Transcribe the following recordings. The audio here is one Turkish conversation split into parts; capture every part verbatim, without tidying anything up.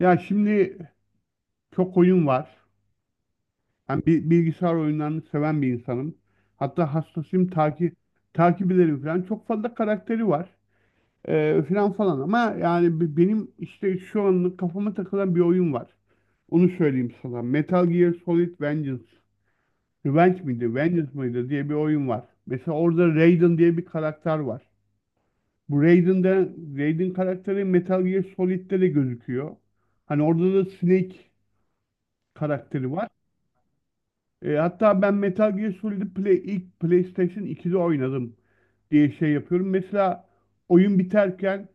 Ya şimdi çok oyun var. Ben bi- bilgisayar oyunlarını seven bir insanım. Hatta hastasıyım takip takip ederim falan. Çok fazla karakteri var. Ee, falan falan ama yani bi- benim işte şu anlık kafama takılan bir oyun var. Onu söyleyeyim sana. Metal Gear Solid Vengeance. Revenge miydi? Vengeance mıydı diye bir oyun var. Mesela orada Raiden diye bir karakter var. Bu Raiden'de Raiden karakteri Metal Gear Solid'de de gözüküyor. Hani orada da Snake karakteri var. E, hatta ben Metal Gear Solid Play, ilk PlayStation ikide oynadım diye şey yapıyorum. Mesela oyun biterken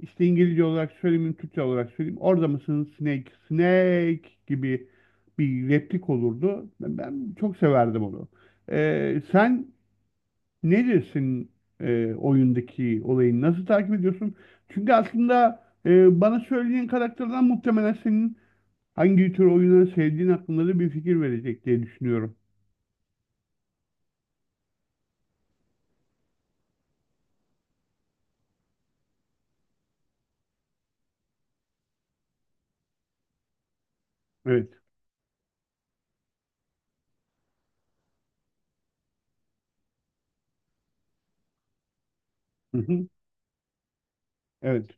işte İngilizce olarak söyleyeyim, Türkçe olarak söyleyeyim. Orada mısın Snake, Snake gibi bir replik olurdu. Ben, ben çok severdim onu. E, sen ne dersin, e, oyundaki olayı nasıl takip ediyorsun? Çünkü aslında e, bana söylediğin karakterden muhtemelen senin hangi tür oyunları sevdiğin hakkında da bir fikir verecek diye düşünüyorum. Evet. Evet.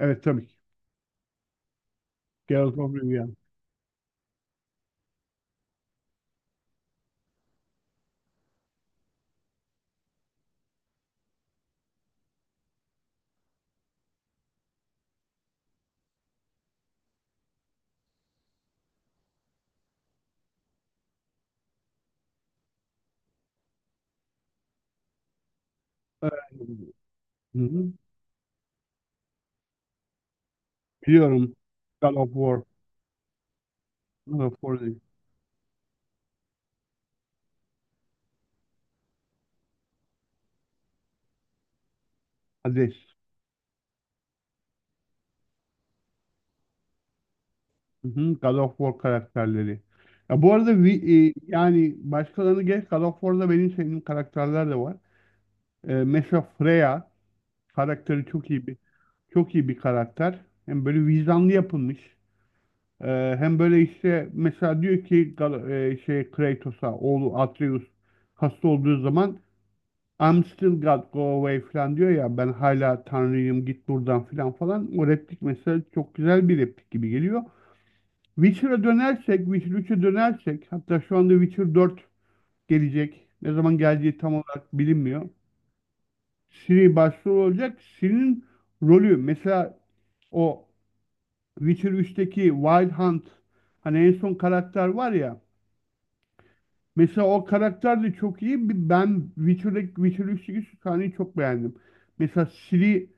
Evet, tabii ki. Geralt of Rivia. Ee, hı hı. Biliyorum. God of War. God of War değil. Hades. Hı hı. God of War karakterleri. Ya bu arada vi- e, yani başkalarını geç, God of War'da benim sevdiğim karakterler de var. E, mesela Freya karakteri çok iyi bir çok iyi bir karakter. Hem böyle vicdanlı yapılmış. E, hem böyle işte mesela diyor ki Gal- e, şey Kratos'a, oğlu Atreus hasta olduğu zaman "I'm still God, go away" falan diyor ya, ben hala Tanrıyım git buradan falan falan. O replik mesela çok güzel bir replik gibi geliyor. Witcher'a dönersek, Witcher üçe dönersek, hatta şu anda Witcher dört gelecek. Ne zaman geleceği tam olarak bilinmiyor. Ciri başrol olacak. Ciri'nin rolü mesela o Witcher üçteki Wild Hunt, hani en son karakter var ya. Mesela o karakter de çok iyi. Ben Witcher'daki Witcher üçteki şu sahneyi çok beğendim. Mesela Ciri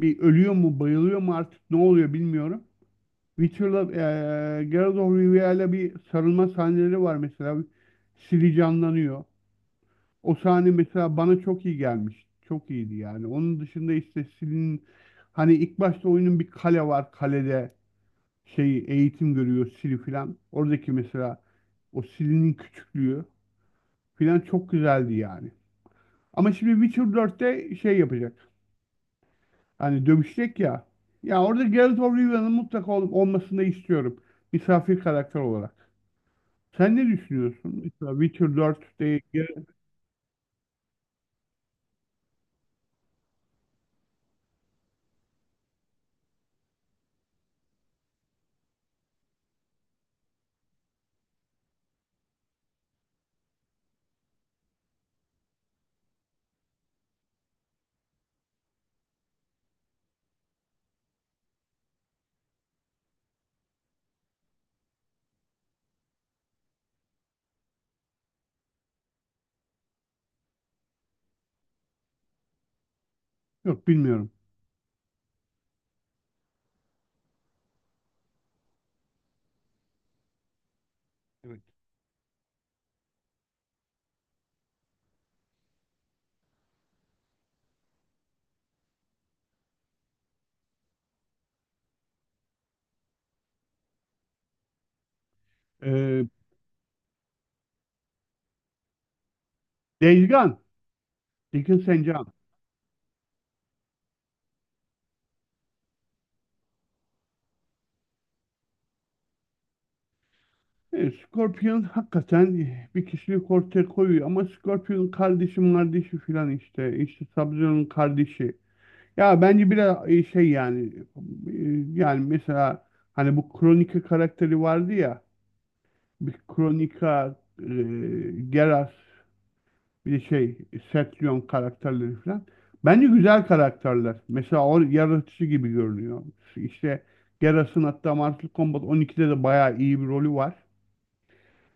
bir ölüyor mu, bayılıyor mu artık ne oluyor bilmiyorum. Witcher'la eee Geralt of Rivia'yla bir sarılma sahneleri var mesela. Ciri canlanıyor. O sahne mesela bana çok iyi gelmiş. Çok iyiydi yani. Onun dışında işte Ciri'nin, hani ilk başta oyunun bir kale var. Kalede şey eğitim görüyor Ciri filan. Oradaki mesela o Ciri'nin küçüklüğü filan çok güzeldi yani. Ama şimdi Witcher dörtte şey yapacak. Hani dövüşecek ya. Ya orada Geralt of Rivia'nın mutlaka ol- olmasını istiyorum. Misafir karakter olarak. Sen ne düşünüyorsun? Mesela Witcher dört değil. Geralt- Yok, bilmiyorum. Evet. Ee, Days Gone. Dickens and John. Ee, Scorpion hakikaten bir kişilik ortaya koyuyor ama Scorpion'un kardeşi kardeşi filan işte. İşte Sub-Zero'nun kardeşi. Ya bence biraz e, şey, yani e, yani mesela, hani bu Kronika karakteri vardı ya, bir Kronika, e, Geralt, bir de şey Setlion karakterleri falan. Bence güzel karakterler. Mesela o yaratıcı gibi görünüyor. İşte Geras'ın hatta Mortal Kombat on ikide de bayağı iyi bir rolü var.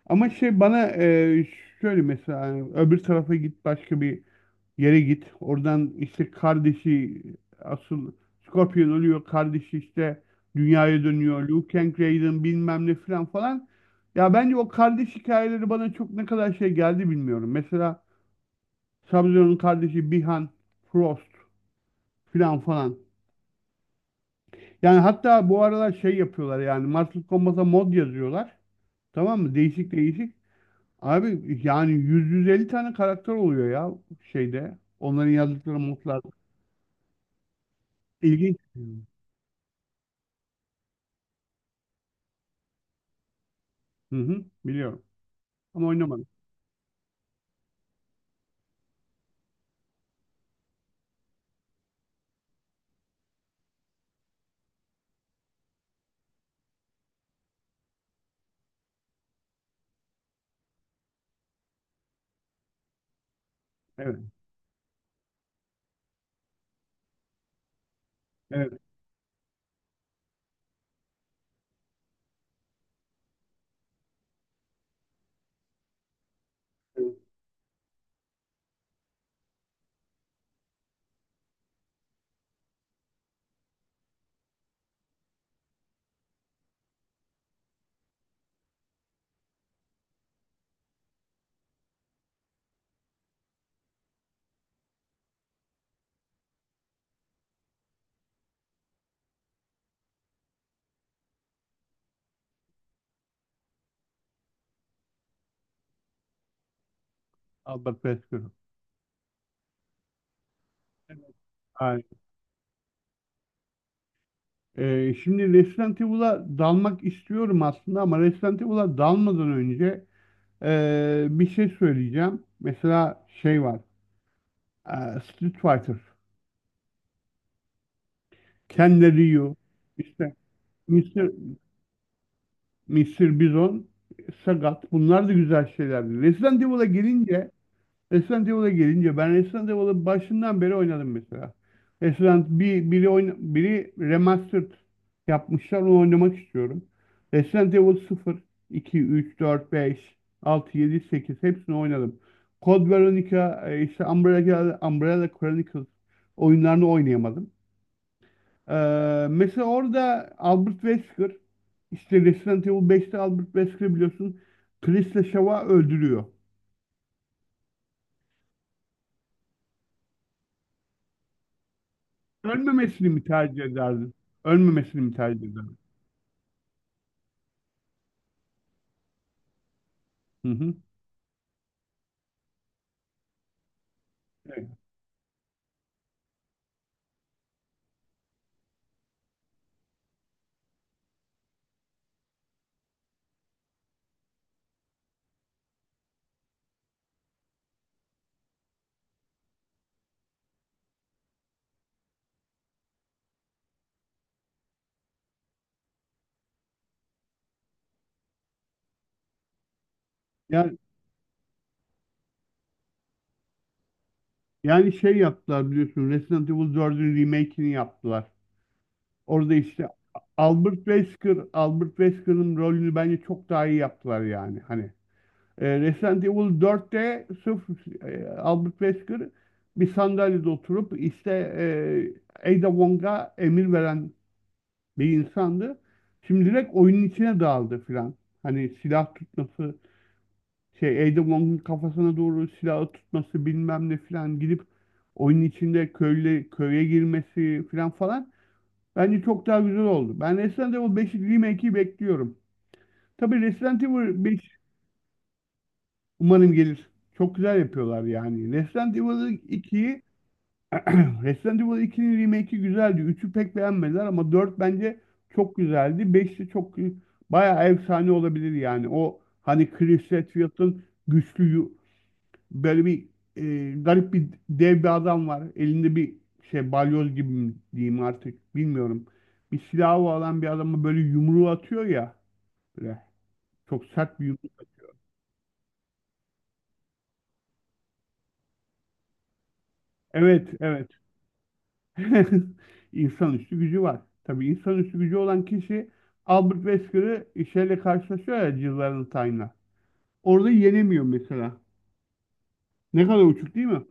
Ama şey bana e, şöyle mesela, hani öbür tarafa git, başka bir yere git. Oradan işte kardeşi asıl Scorpion ölüyor. Kardeşi işte dünyaya dönüyor. Liu Kang, Raiden, bilmem ne, filan falan. Ya bence o kardeş hikayeleri bana çok ne kadar şey geldi bilmiyorum. Mesela Sub-Zero'nun kardeşi Bihan, Frost, filan falan. Yani hatta bu aralar şey yapıyorlar, yani Mortal Kombat'a mod yazıyorlar. Tamam mı? Değişik değişik. Abi yani yüz yüz elli tane karakter oluyor ya şeyde. Onların yazdıkları modlar. İlginç. Hı hı, biliyorum. Ama oynamadım. Evet, evet, evet. Albert Wesker. Harika. Ee, şimdi Resident Evil'a dalmak istiyorum aslında, ama Resident Evil'a dalmadan önce ee, bir şey söyleyeceğim. Mesela şey var. ee, Street Fighter. Ken de Ryu. işte mister mister Bison. Sagat. Bunlar da güzel şeylerdi. Resident Evil'a gelince Resident Evil'a gelince ben Resident Evil'ı başından beri oynadım mesela. Resident bir biri oyna, biri remastered yapmışlar, onu oynamak istiyorum. Resident Evil sıfır iki üç dört beş altı yedi sekiz hepsini oynadım. Code Veronica, e, işte Umbrella, Umbrella Chronicles oyunlarını oynayamadım. Ee, mesela orada Albert Wesker, işte Resident Evil beşte Albert Wesker biliyorsun, Chris ile Shaw'a öldürüyor. Ölmemesini mi tercih ederdin? Ölmemesini mi tercih ederdin? Hı hı. Evet. Yani, yani şey yaptılar biliyorsun, Resident Evil dördün remake'ini yaptılar. Orada işte Albert Wesker, Albert Wesker'ın rolünü bence çok daha iyi yaptılar yani. Hani e, Resident Evil dörtte sırf e, Albert Wesker bir sandalyede oturup, işte e, Ada Wong'a emir veren bir insandı. Şimdi direkt oyunun içine dağıldı filan. Hani silah tutması, şey Ada Wong'un kafasına doğru silahı tutması, bilmem ne filan, gidip oyunun içinde köyle köye girmesi filan falan, bence çok daha güzel oldu. Ben Resident Evil beş remake'i bekliyorum. Tabii Resident Evil beş, umarım gelir. Çok güzel yapıyorlar yani. Resident Evil ikiyi Resident Evil ikinin remake'i güzeldi. üçü pek beğenmediler ama dört bence çok güzeldi. beş de çok, bayağı efsane olabilir yani. O hani Chris Redfield'ın güçlü yu- Böyle bir e, garip bir dev bir adam var. Elinde bir şey balyoz gibi mi diyeyim artık bilmiyorum. Bir silahı olan bir adama böyle yumruğu atıyor ya. Böyle çok sert bir yumruğu. Evet, evet. İnsanüstü gücü var. Tabii insanüstü gücü olan kişi Albert Wesker'ı şeyle karşılaşıyor ya, Jill Valentine'la. Orada yenemiyor mesela. Ne kadar uçuk değil mi?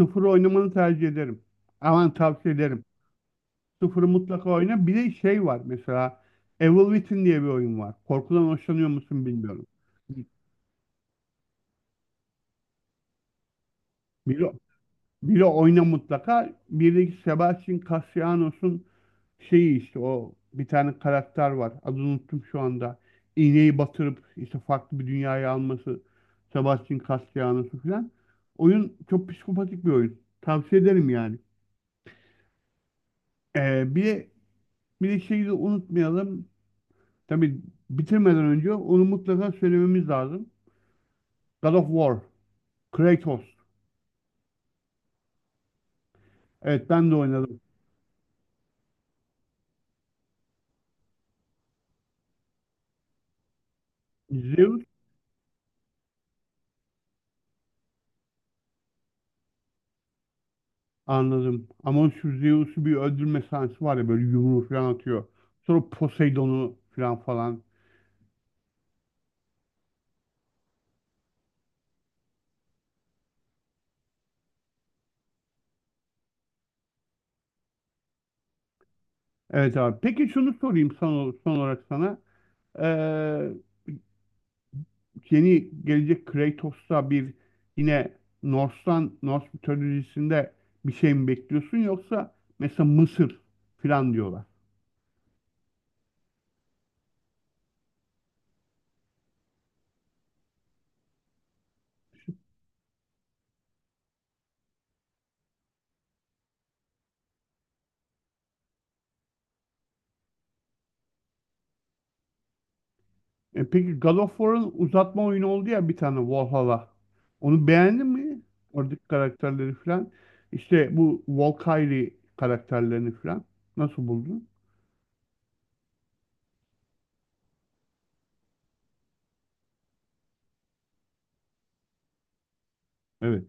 Sıfır oynamanı tercih ederim. Aman, tavsiye ederim. Sıfırı mutlaka oyna. Bir de şey var mesela, Evil Within diye bir oyun var. Korkudan hoşlanıyor musun bilmiyorum. Biri, biri oyna mutlaka. Birdeki Sebastian Castellanos'un şeyi, işte o bir tane karakter var. Adını unuttum şu anda. İğneyi batırıp işte farklı bir dünyaya alması Sebastian Castellanos'u falan. Oyun çok psikopatik bir oyun. Tavsiye ederim yani. Ee, bir de, bir de şeyi de unutmayalım. Tabii bitirmeden önce onu mutlaka söylememiz lazım. God of War. Kratos. Evet, ben de oynadım. Zeus, anladım. Ama şu Zeus'u bir öldürme sahnesi var ya, böyle yumruğu falan atıyor. Sonra Poseidon'u falan falan. Evet, abi. Peki şunu sorayım, son, son olarak sana. Ee, yeni gelecek Kratos'ta bir, yine Norse'tan, Norse mitolojisinde bir şey mi bekliyorsun, yoksa mesela Mısır falan diyorlar. E peki God of War'ın uzatma oyunu oldu ya, bir tane Valhalla. Onu beğendin mi? Oradaki karakterleri falan. İşte bu Valkyrie karakterlerini falan. Nasıl buldun? Evet.